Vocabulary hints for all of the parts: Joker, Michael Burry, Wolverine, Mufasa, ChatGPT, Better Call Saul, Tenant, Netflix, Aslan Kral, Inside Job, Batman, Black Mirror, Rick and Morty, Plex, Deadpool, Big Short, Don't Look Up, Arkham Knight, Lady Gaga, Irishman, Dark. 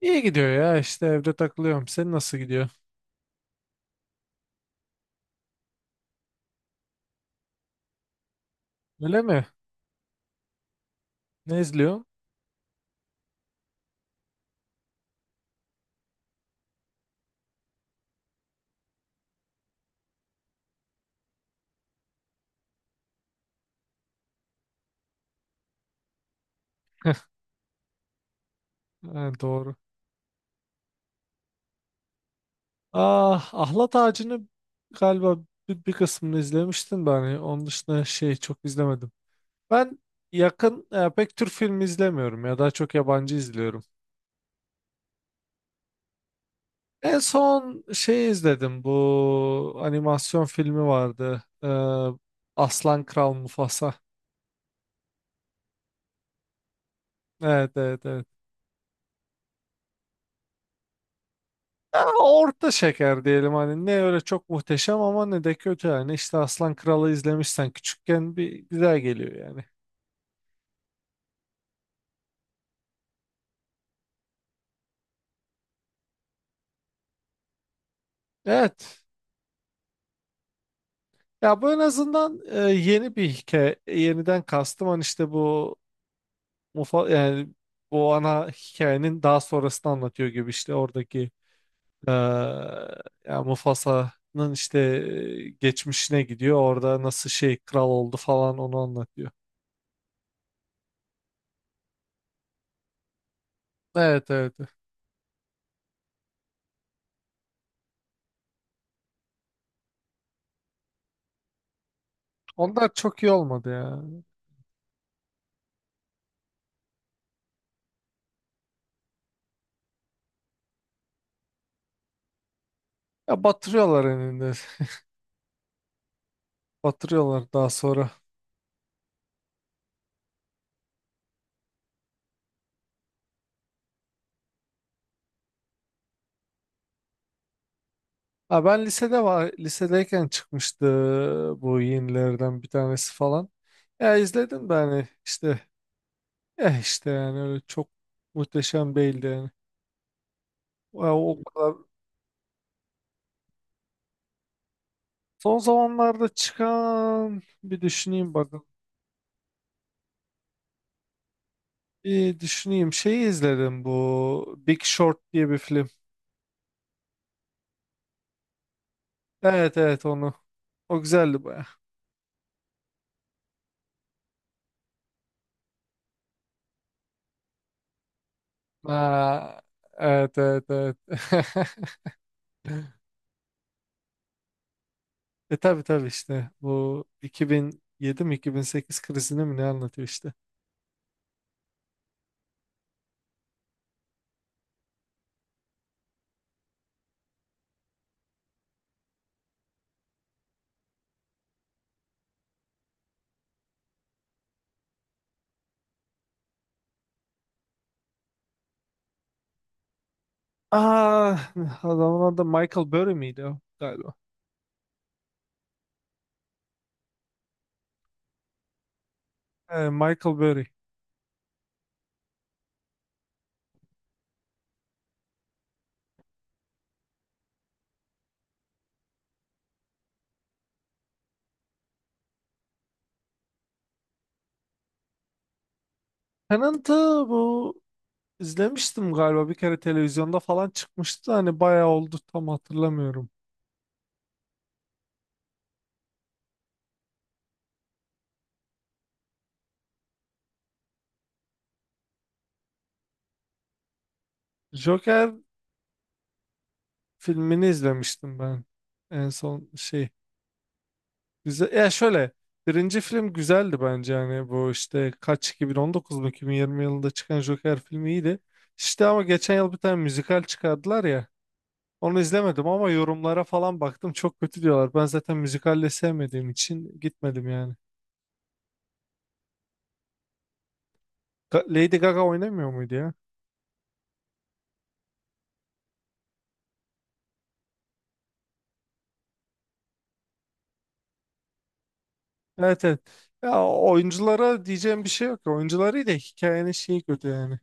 İyi gidiyor ya işte evde takılıyorum. Senin nasıl gidiyor? Öyle mi? Ne izliyorsun? Ha, doğru. Ah, Ahlat Ağacı'nı galiba bir kısmını izlemiştim ben. Yani onun dışında şey çok izlemedim. Ben yakın pek Türk filmi izlemiyorum ya, daha çok yabancı izliyorum. En son şey izledim, bu animasyon filmi vardı. Aslan Kral Mufasa. Evet, evet, evet. Ya orta şeker diyelim, hani ne öyle çok muhteşem ama ne de kötü, yani işte Aslan Kralı izlemişsen küçükken bir güzel geliyor yani. Evet ya, bu en azından yeni bir hikaye, yeniden kastım hani, işte bu mufa yani bu ana hikayenin daha sonrasını anlatıyor gibi, işte oradaki e, ya Mufasa'nın işte geçmişine gidiyor, orada nasıl şey kral oldu falan onu anlatıyor. Evet evet, onlar çok iyi olmadı ya. Ya batırıyorlar eninde. Batırıyorlar daha sonra. Ha, ben lisede var. Lisedeyken çıkmıştı bu yenilerden bir tanesi falan. Ya izledim de hani işte eh işte, yani öyle çok muhteşem değildi yani. Ya o kadar. Son zamanlarda çıkan, bir düşüneyim bakın. Bir düşüneyim. Şeyi izledim, bu Big Short diye bir film. Evet evet, onu. O güzeldi baya. Ha, evet evet evet. E tabi tabi, işte bu 2007 mi 2008 krizini mi ne anlatıyor işte. Aa, adamın adı Michael Burry miydi o galiba? Michael Burry. Tenant'ı bu izlemiştim galiba, bir kere televizyonda falan çıkmıştı da hani bayağı oldu, tam hatırlamıyorum. Joker filmini izlemiştim ben en son şey. Güzel. Ya şöyle, birinci film güzeldi bence, hani bu işte kaç 2019 mu 2020 yılında çıkan Joker filmi iyiydi. İşte ama geçen yıl bir tane müzikal çıkardılar ya. Onu izlemedim ama yorumlara falan baktım, çok kötü diyorlar. Ben zaten müzikalle sevmediğim için gitmedim yani. Lady Gaga oynamıyor muydu ya? Evet evet. Ya oyunculara diyeceğim bir şey yok. Oyuncuları da, hikayenin şeyi kötü yani.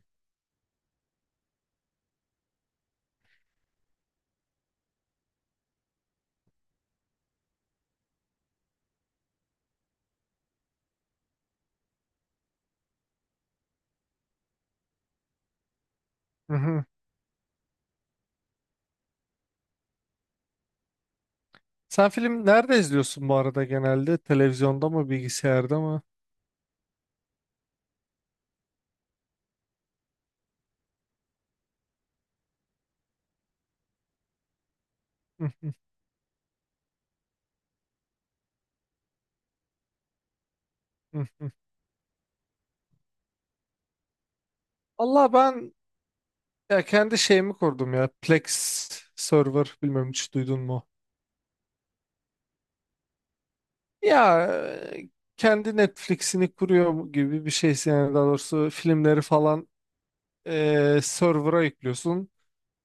Hı hı. Sen film nerede izliyorsun bu arada, genelde? Televizyonda mı, bilgisayarda mı? Hı hı hı. Allah ben ya kendi şeyimi kurdum ya. Plex server, bilmem hiç duydun mu? Ya e, kendi Netflix'ini kuruyor gibi bir şeysin, yani daha doğrusu filmleri falan server'a yüklüyorsun.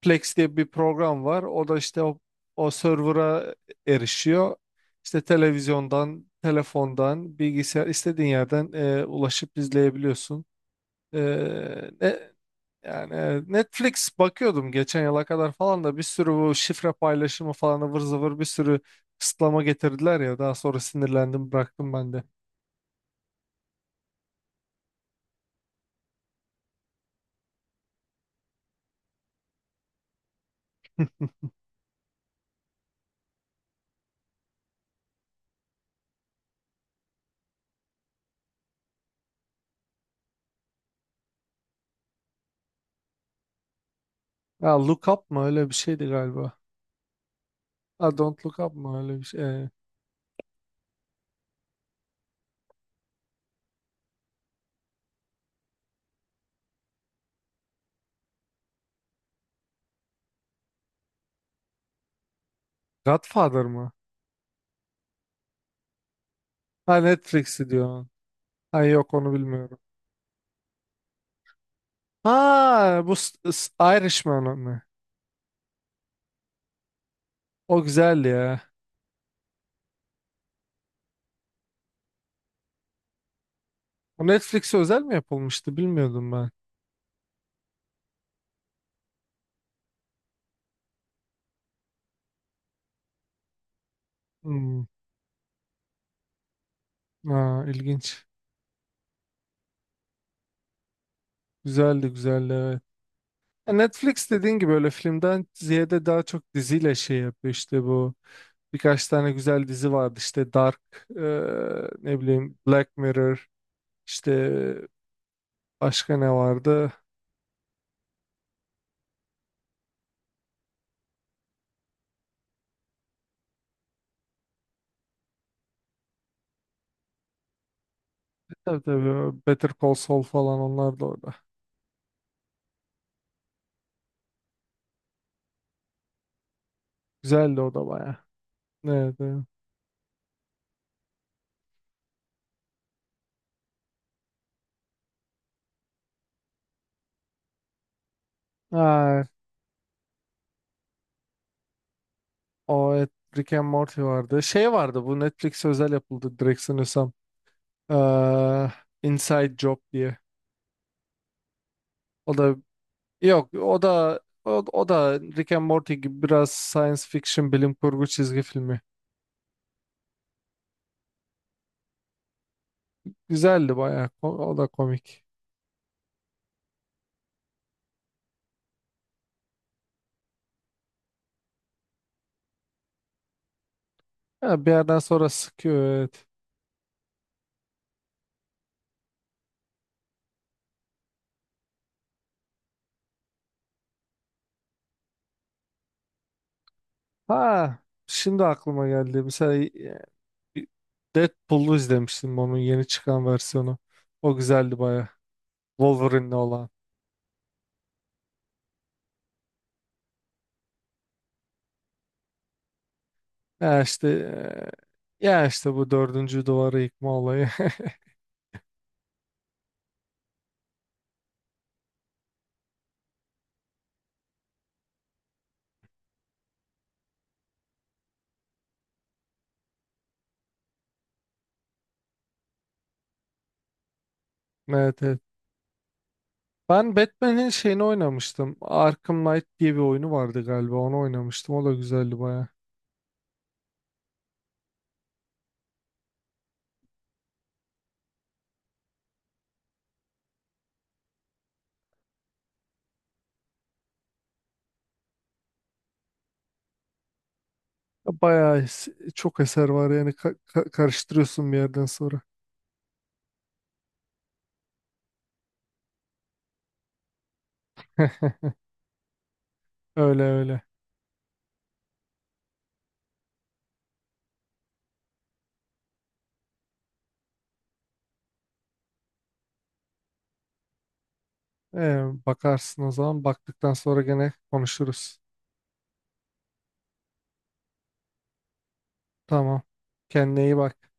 Plex diye bir program var. O da işte o server'a erişiyor. İşte televizyondan, telefondan, bilgisayar, istediğin yerden ulaşıp izleyebiliyorsun. E, e, Yani evet, Netflix bakıyordum geçen yıla kadar falan da, bir sürü bu şifre paylaşımı falan ıvır zıvır, bir sürü kısıtlama getirdiler ya, daha sonra sinirlendim bıraktım ben de. Ya Look Up mı öyle bir şeydi galiba. Ha, Don't Look Up mı öyle bir şey. Godfather mı? Ha, Netflix'i diyor. Ha yok, onu bilmiyorum. Ha bu Irishman mı? O güzel ya. O Netflix'e özel mi yapılmıştı, bilmiyordum ben. Hmm. Ha, ilginç. Güzeldi, güzeldi, evet. Ya Netflix dediğin gibi öyle filmden ziyade daha çok diziyle şey yapıyor, işte bu birkaç tane güzel dizi vardı, işte Dark, e, ne bileyim Black Mirror, işte başka ne vardı, tabii tabii Better Call Saul falan, onlar da orada güzeldi o da baya, evet, evet. Ay, o evet, Rick and Morty vardı, şey vardı, bu Netflix özel yapıldı direkt sanıyorsam. Eee Inside Job diye, o da, yok o da o da Rick and Morty gibi biraz science fiction, bilim kurgu çizgi filmi. Güzeldi bayağı. O da komik. Ha, bir yerden sonra sıkıyor, evet. Ha, şimdi aklıma geldi. Mesela Deadpool'u izlemiştim, onun yeni çıkan versiyonu. O güzeldi bayağı. Wolverine'le olan. Ya işte ya işte bu dördüncü duvarı yıkma olayı. Evet evet. Ben Batman'in şeyini oynamıştım. Arkham Knight diye bir oyunu vardı galiba. Onu oynamıştım. O da güzeldi baya. Bayağı çok eser var yani, karıştırıyorsun bir yerden sonra. Öyle öyle. Bakarsın o zaman. Baktıktan sonra gene konuşuruz. Tamam. Kendine iyi bak.